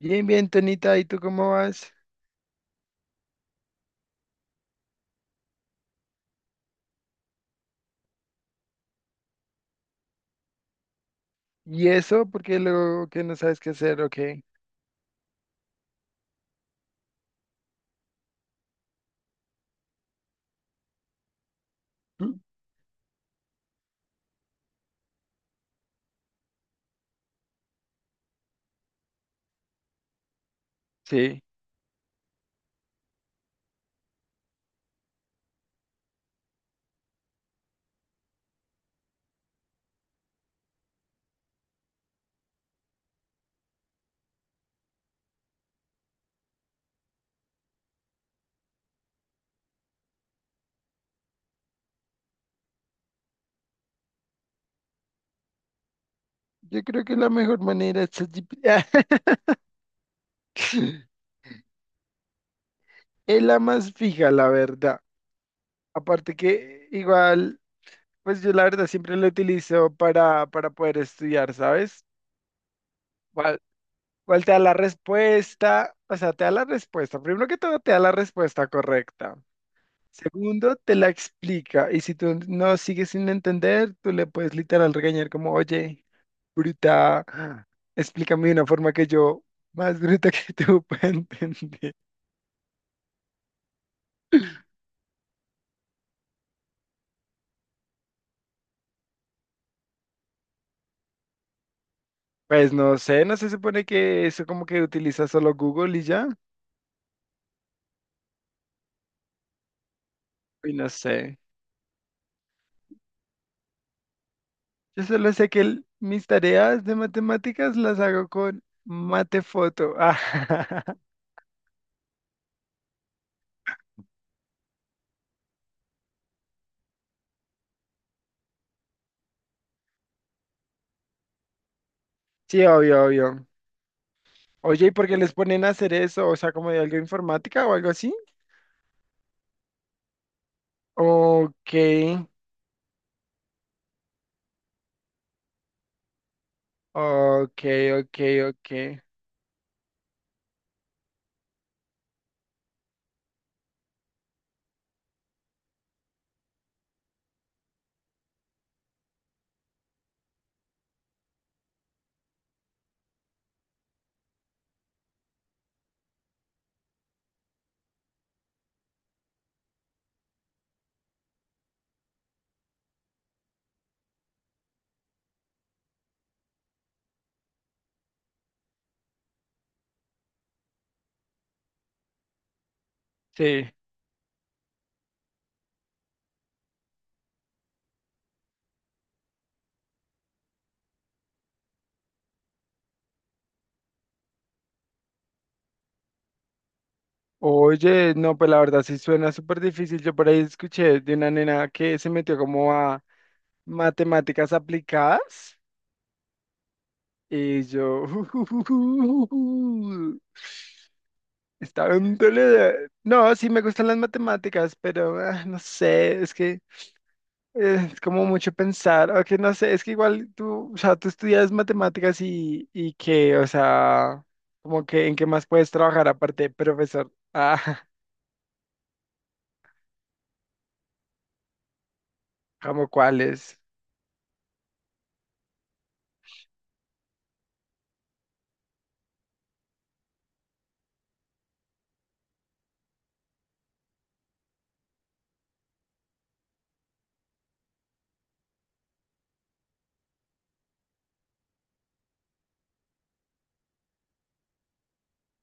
Bien, bien, Tonita, ¿y tú cómo vas? ¿Y eso? Porque luego que no sabes qué hacer, ok. ¿Mm? Sí. Yo creo que la mejor manera es ChatGPT. Es la más fija, la verdad. Aparte que igual, pues yo la verdad siempre lo utilizo para poder estudiar, ¿sabes? ¿Cuál, cuál te da la respuesta? O sea, te da la respuesta. Primero que todo, te da la respuesta correcta. Segundo, te la explica. Y si tú no sigues sin entender, tú le puedes literal regañar como, oye, bruta, explícame de una forma que yo, más bruta que tú, pueda entender. Pues no sé, no se supone que eso como que utiliza solo Google y ya. Y no sé. Yo solo sé que mis tareas de matemáticas las hago con Matefoto. Ah, sí, obvio, obvio. Oye, ¿y por qué les ponen a hacer eso? O sea, como de algo informática o algo así. Ok, Ok, ok, ok. Sí. Oye, no, pues la verdad sí suena súper difícil. Yo por ahí escuché de una nena que se metió como a matemáticas aplicadas, y yo estaba en dolor. No, sí me gustan las matemáticas, pero no sé, es que es como mucho pensar, o que no sé, es que igual tú, o sea, tú estudias matemáticas y que, o sea, como que en qué más puedes trabajar aparte de profesor. Como cuáles.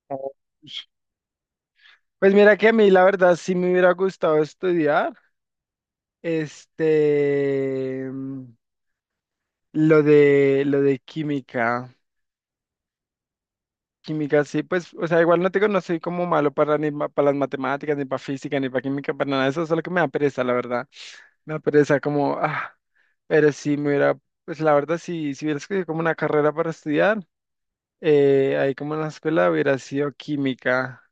Oh, Pues mira que a mí la verdad sí me hubiera gustado estudiar, este, lo de química. Química sí, pues, o sea, igual no tengo, no soy como malo para ni para las matemáticas, ni para física, ni para química, para nada de eso, solo que me da pereza, la verdad. Una pereza como, pero si me hubiera, pues la verdad, si, si hubiera escogido como una carrera para estudiar, ahí como en la escuela hubiera sido química,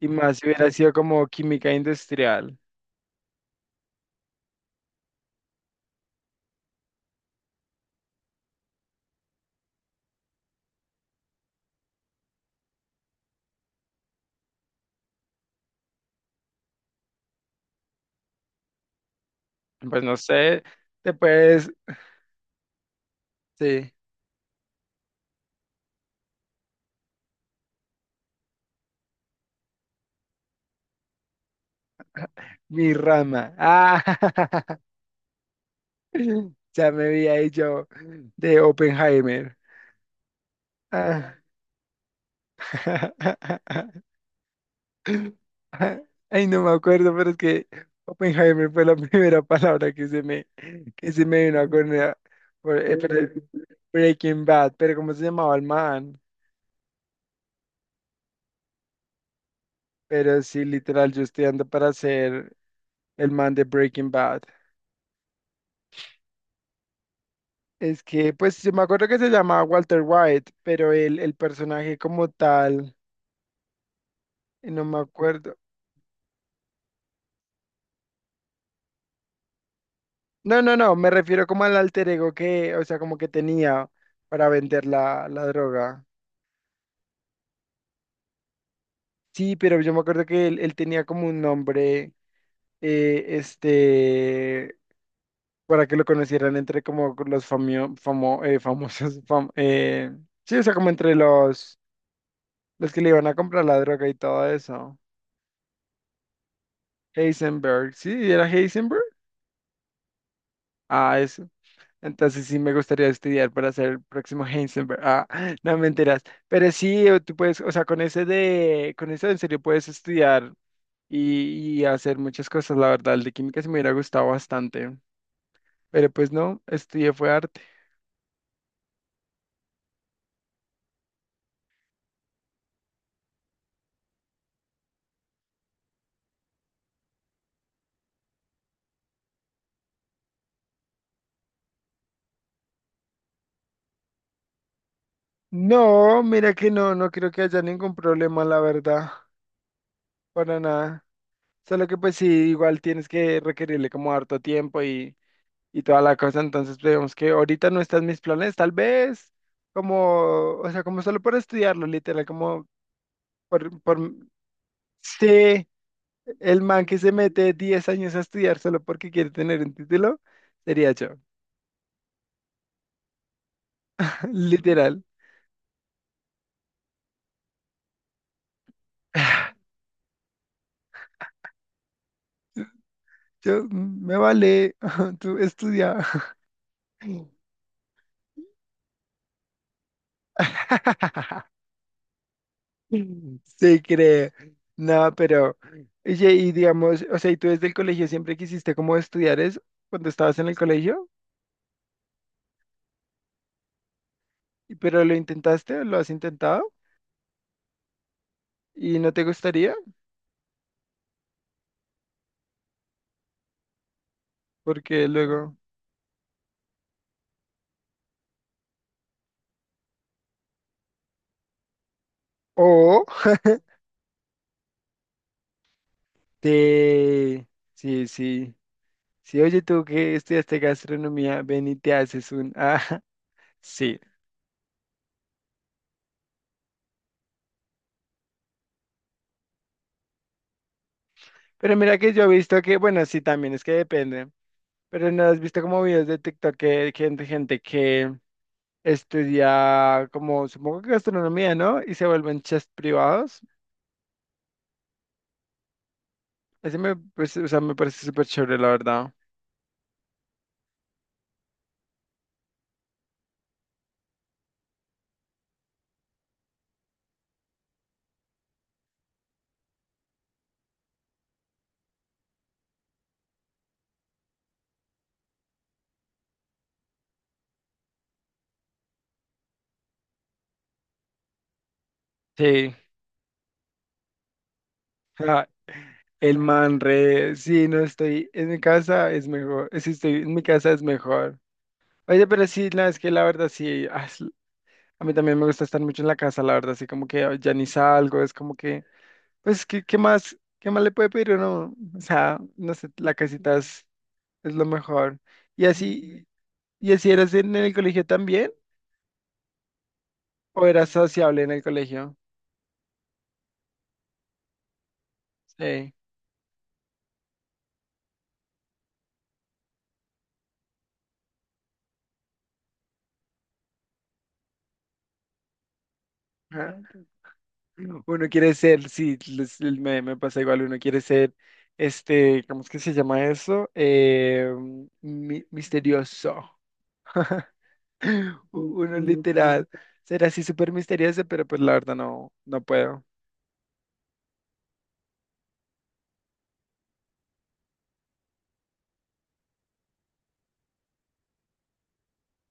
y más si hubiera sido como química industrial. Pues no sé, te puedes, sí, mi rama. Ya me vi ahí yo de Oppenheimer. Ah. Ay, no me acuerdo, pero es que Oppenheimer fue la primera palabra que se me vino a cornear. Por, eh, pero- Breaking Bad, pero ¿cómo se llamaba el man? Pero sí, literal, yo estoy ando para ser el man de Breaking Bad. Es que, pues, yo me acuerdo que se llamaba Walter White, pero el personaje como tal, no me acuerdo. No, no, no, me refiero como al alter ego que, o sea, como que tenía para vender la, la droga. Sí, pero yo me acuerdo que él tenía como un nombre, eh, este, para que lo conocieran entre como los famosos, sí, o sea, como entre los que le iban a comprar la droga y todo eso. Heisenberg, ¿sí? ¿Era Heisenberg? Ah, eso. Entonces sí me gustaría estudiar para ser el próximo Heisenberg. Ah, no me enteras. Pero sí, o tú puedes, o sea, con ese de, con eso en serio puedes estudiar y hacer muchas cosas, la verdad. El de química se me hubiera gustado bastante. Pero pues no, estudié fue arte. No, mira que no, no creo que haya ningún problema, la verdad, para nada. Solo que pues sí, igual tienes que requerirle como harto tiempo y toda la cosa, entonces vemos que ahorita no están mis planes, tal vez como, o sea, como solo por estudiarlo, literal, como por, sí, el man que se mete 10 años a estudiar solo porque quiere tener un título, sería yo, literal. Yo, me vale, tú estudia. Sí, creo. No, pero, oye, y digamos, o sea, ¿y tú desde el colegio siempre quisiste como estudiar eso cuando estabas en el colegio? ¿Pero lo intentaste o lo has intentado? ¿Y no te gustaría? Porque luego... O te... Sí, sí. Sí, oye, tú que estudiaste gastronomía, ven y te haces un... Ah, sí. Pero mira que yo he visto que, bueno, sí, también es que depende. Pero no has visto como videos de TikTok que gente, gente que... estudia como, supongo que gastronomía, ¿no? Y se vuelven chefs privados. Ese me, parece, o sea, me parece súper chévere, la verdad. Sí. Ah, el man re, sí, no estoy en mi casa, es mejor. Si estoy en mi casa, es mejor. Oye, pero sí, no, es que la verdad sí, ah, es- a mí también me gusta estar mucho en la casa, la verdad, así como que ah, ya ni salgo, es como que, pues, ¿qué, qué más le puede pedir uno? O sea, no sé, la casita es lo mejor. Y así, y así eras en el colegio también. O era sociable en el colegio. Sí. Ajá. Uno quiere ser, sí, les- me pasa igual, uno quiere ser, este, ¿cómo es que se llama eso? Misterioso. Uno literal, ser así súper misterioso, pero pues la verdad no, no puedo.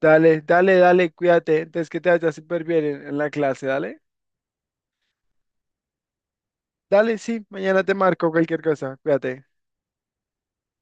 Dale, dale, dale, cuídate. Entonces que te vaya súper bien en la clase, dale. Dale, sí, mañana te marco cualquier cosa, cuídate.